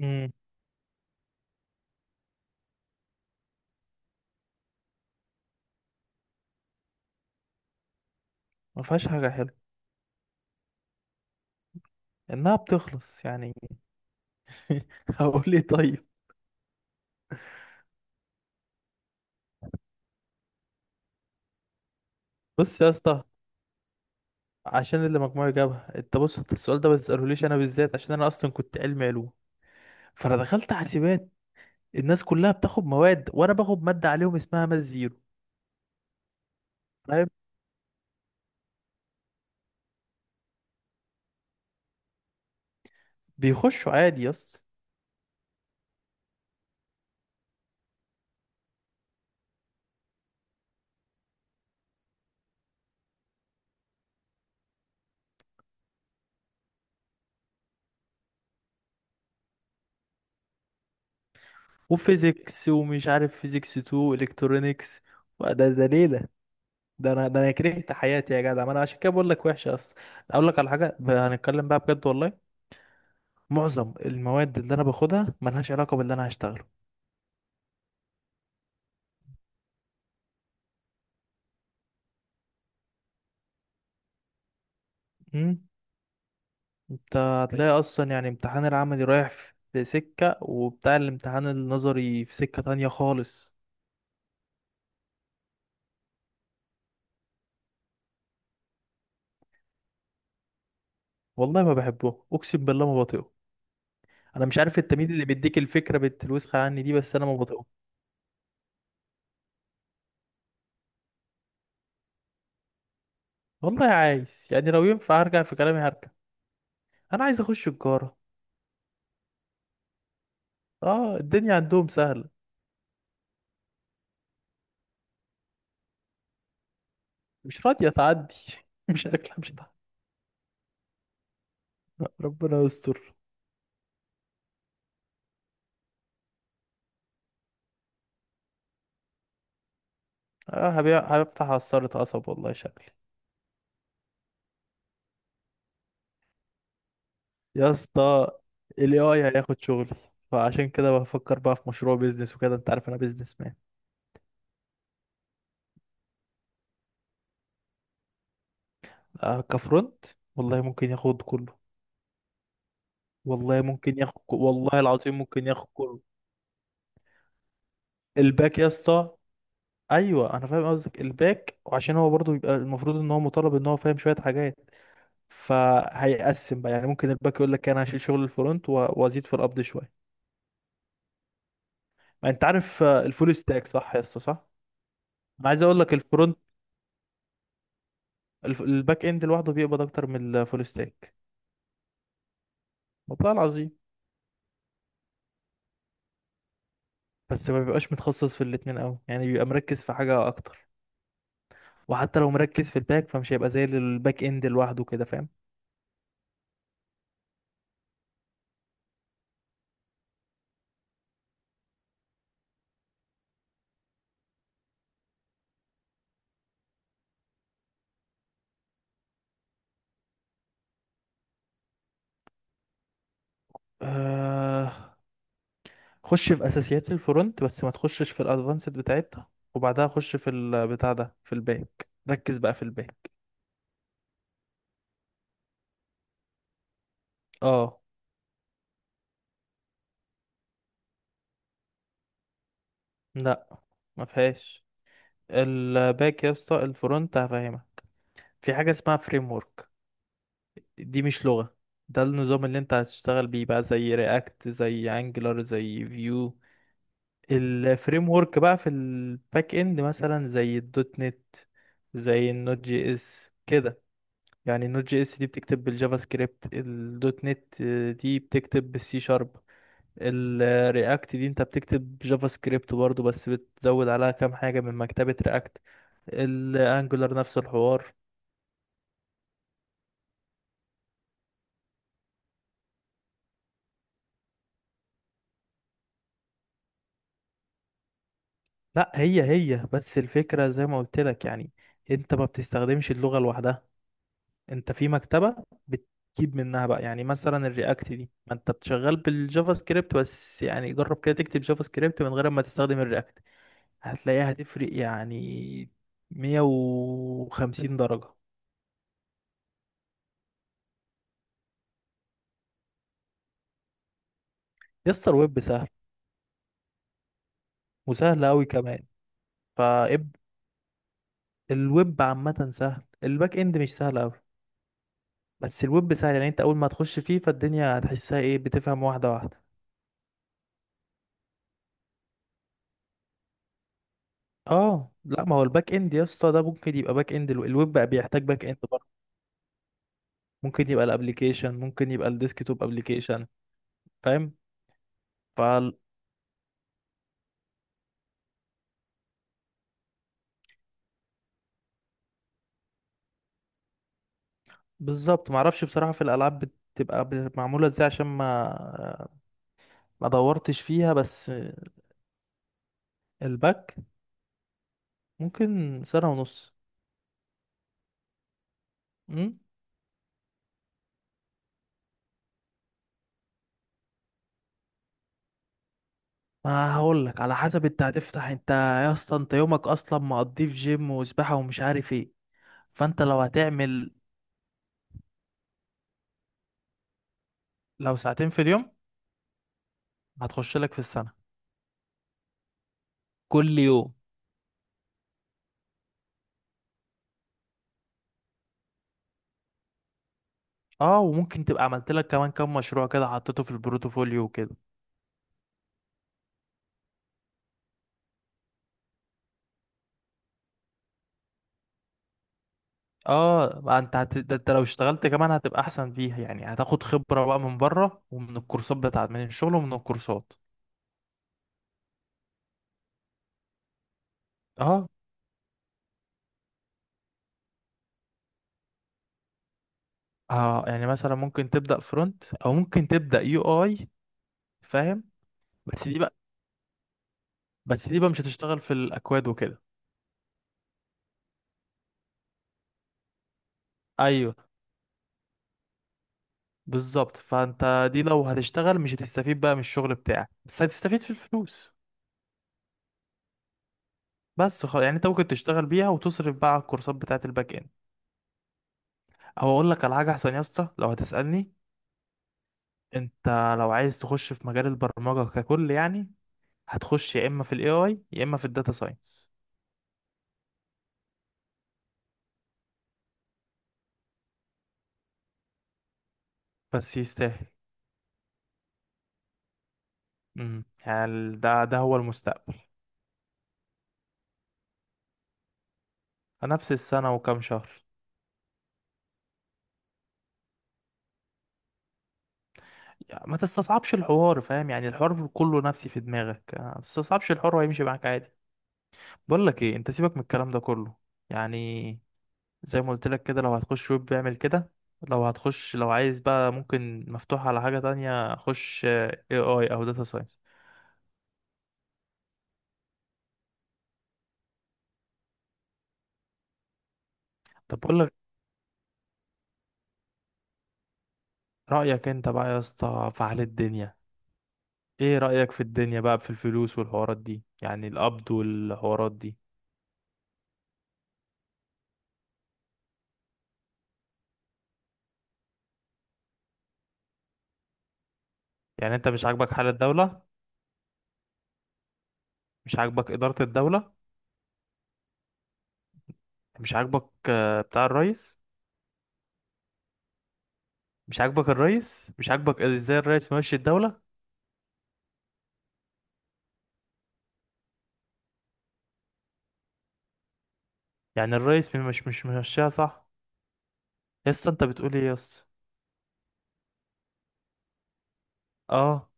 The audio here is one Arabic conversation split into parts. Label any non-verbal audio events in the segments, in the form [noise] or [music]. امم ما فيهاش حاجه حلوه، انها بتخلص يعني. [laughs] هقول ايه طيب؟ بص يا اسطى، عشان اللي مجموعي جابها، انت بص، انت السؤال ده ما تسالهوليش انا بالذات، عشان انا اصلا كنت علمي علوم، فانا دخلت حاسبات. الناس كلها بتاخد مواد وانا باخد ماده عليهم اسمها ماس زيرو، فاهم؟ بيخشوا عادي يا اسطى. وفيزيكس ومش عارف فيزيكس 2، الكترونيكس، وده ليله. ده انا كرهت حياتي يا جدع، ما انا عشان كده بقول لك وحشه اصلا. اقول لك على حاجه، هنتكلم بقى بجد والله. معظم المواد اللي انا باخدها ملهاش علاقة باللي انا هشتغله. امم انت هتلاقي اصلا يعني امتحان العملي رايح في سكة وبتاع، الامتحان النظري في سكة تانية خالص. والله ما بحبه، اقسم بالله ما بطيقه. انا مش عارف التمييز اللي بيديك الفكرة الوسخة عني دي، بس انا ما بطيقه. والله عايز، يعني لو ينفع هرجع في كلامي هرجع. انا عايز اخش تجارة، اه الدنيا عندهم سهلة. مش راضية تعدي. [laughs] مش شكلها مش هتعدي. ربنا يستر. اه، هبيع هفتح عصارة قصب والله شكلي. يا اسطى ال AI هياخد شغلي، فعشان كده بفكر بقى في مشروع بيزنس وكده، انت عارف انا بيزنس مان. كفرونت، والله ممكن ياخد كله. والله ممكن ياخد والله العظيم ممكن ياخد كله. الباك يا اسطى، ايوه انا فاهم قصدك الباك، وعشان هو برضه بيبقى المفروض ان هو مطالب ان هو فاهم شويه حاجات، فهيقسم بقى. يعني ممكن الباك يقول لك انا هشيل شغل الفرونت وازيد في القبض شويه. ما انت عارف، الفول ستاك صح يا اسطى، صح؟ انا عايز اقول لك الفرونت، الباك اند لوحده بيقبض اكتر من الفول ستاك. والله العظيم. بس ما بيبقاش متخصص في الاتنين قوي، يعني بيبقى مركز في حاجة اكتر. وحتى لو مركز في الباك، فمش هيبقى زي الباك اند لوحده كده، فاهم. آه... خش في اساسيات الفرونت بس ما تخشش في الادفانسد بتاعتها، وبعدها خش في البتاع ده في الباك، ركز بقى في الباك. اه، لا، ما فيهاش. الباك يا اسطى، الفرونت هفهمك. في حاجة اسمها فريم ورك، دي مش لغة، ده النظام اللي انت هتشتغل بيه بقى، زي رياكت، زي انجلر، زي فيو. الفريم ورك بقى في الباك اند مثلا زي الدوت نت، زي النوت جي اس كده. يعني النوت جي اس دي بتكتب بالجافا سكريبت، الدوت نت دي بتكتب بالسي شارب. الرياكت دي انت بتكتب جافا سكريبت برضو، بس بتزود عليها كام حاجة من مكتبة رياكت. الانجولار نفس الحوار. لا، هي هي. بس الفكرة زي ما قلت لك يعني، انت ما بتستخدمش اللغة لوحدها، انت في مكتبة بتجيب منها بقى. يعني مثلا الرياكت دي، ما انت بتشغل بالجافا سكريبت بس، يعني جرب كده تكتب جافا سكريبت من غير ما تستخدم الرياكت، هتلاقيها هتفرق يعني 150 درجة. يستر، ويب سهل، وسهل قوي كمان. فاب، الويب عامة سهل، الباك اند مش سهل قوي، بس الويب سهل. يعني انت اول ما تخش فيه فالدنيا هتحسها ايه، بتفهم واحدة واحدة. اه، لا، ما هو الباك اند يا اسطى ده ممكن يبقى باك اند. الويب بقى بيحتاج باك اند، ممكن يبقى الابليكيشن، ممكن يبقى الديسكتوب ابليكيشن، فاهم. فال- بالظبط، معرفش بصراحة في الالعاب بتبقى معمولة ازاي، عشان ما دورتش فيها بس. الباك ممكن سنة ونص. امم ما هقول لك على حسب، انت هتفتح، انت يا اسطى انت يومك اصلا مقضيه في جيم وسباحة ومش عارف ايه. فانت لو هتعمل، لو ساعتين في اليوم، هتخش لك في السنة كل يوم. اه، وممكن تبقى عملت لك كمان كام مشروع كده حطيته في البروتوفوليو وكده. اه، ما انت ده انت لو اشتغلت كمان هتبقى احسن فيها، يعني هتاخد خبرة بقى من بره ومن الكورسات، بتاعت من الشغل ومن الكورسات. اه اه، يعني مثلا ممكن تبدأ فرونت او ممكن تبدأ يو اي، فاهم. بس دي بقى بس دي بقى مش هتشتغل في الاكواد وكده. ايوه بالظبط، فانت دي لو هتشتغل مش هتستفيد بقى من الشغل بتاعك، بس هتستفيد في الفلوس. بس خلاص، يعني انت ممكن تشتغل بيها وتصرف بقى على الكورسات بتاعت الباك اند. او اقول لك على حاجه احسن يا اسطى لو هتسالني، انت لو عايز تخش في مجال البرمجة ككل يعني، هتخش يا اما في الاي اي يا اما في الداتا ساينس، بس يستاهل. يعني ده هو المستقبل. نفس السنة وكام شهر. يعني ما تستصعبش الحوار، فاهم يعني الحوار كله نفسي في دماغك. ما تستصعبش الحوار وهيمشي معاك عادي. بقول لك ايه، انت سيبك من الكلام ده كله يعني. زي ما قلت لك كده، لو هتخش ويب اعمل كده. لو هتخش لو عايز بقى، ممكن مفتوح على حاجة تانية، خش اي اي او داتا ساينس. طب بقول لك، رأيك انت بقى يا اسطى في حال الدنيا، ايه رأيك في الدنيا بقى، في الفلوس والحوارات دي، يعني القبض والحوارات دي. يعني انت مش عاجبك حال الدولة، مش عاجبك إدارة الدولة، مش عاجبك، بتاع الرئيس، مش عاجبك الرئيس، مش عاجبك ازاي الرئيس ماشي الدولة، يعني الرئيس مش ممشيها صح. يا اسطى انت بتقول ايه يا اسطى؟ اه.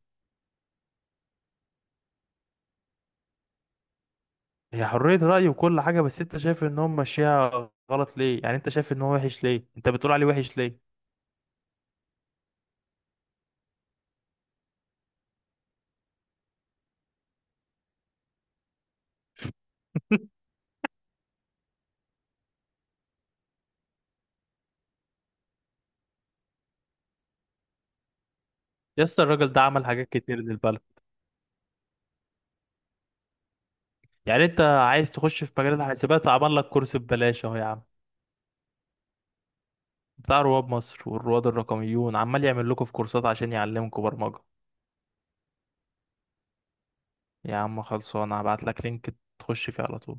هي حرية رأي وكل حاجة، بس انت شايف ان هم ماشيها غلط ليه، يعني انت شايف ان هو وحش ليه، انت بتقول عليه وحش ليه؟ [laughs] يا اسطى الراجل ده عمل حاجات كتير للبلد. يعني انت عايز تخش في مجال الحاسبات عمل لك كورس ببلاش اهو يا عم، بتاع رواد مصر والرواد الرقميون عمال يعمل لكم في كورسات عشان يعلمكم برمجة. يا عم خلصانه، هبعت لك لينك تخش فيه على طول.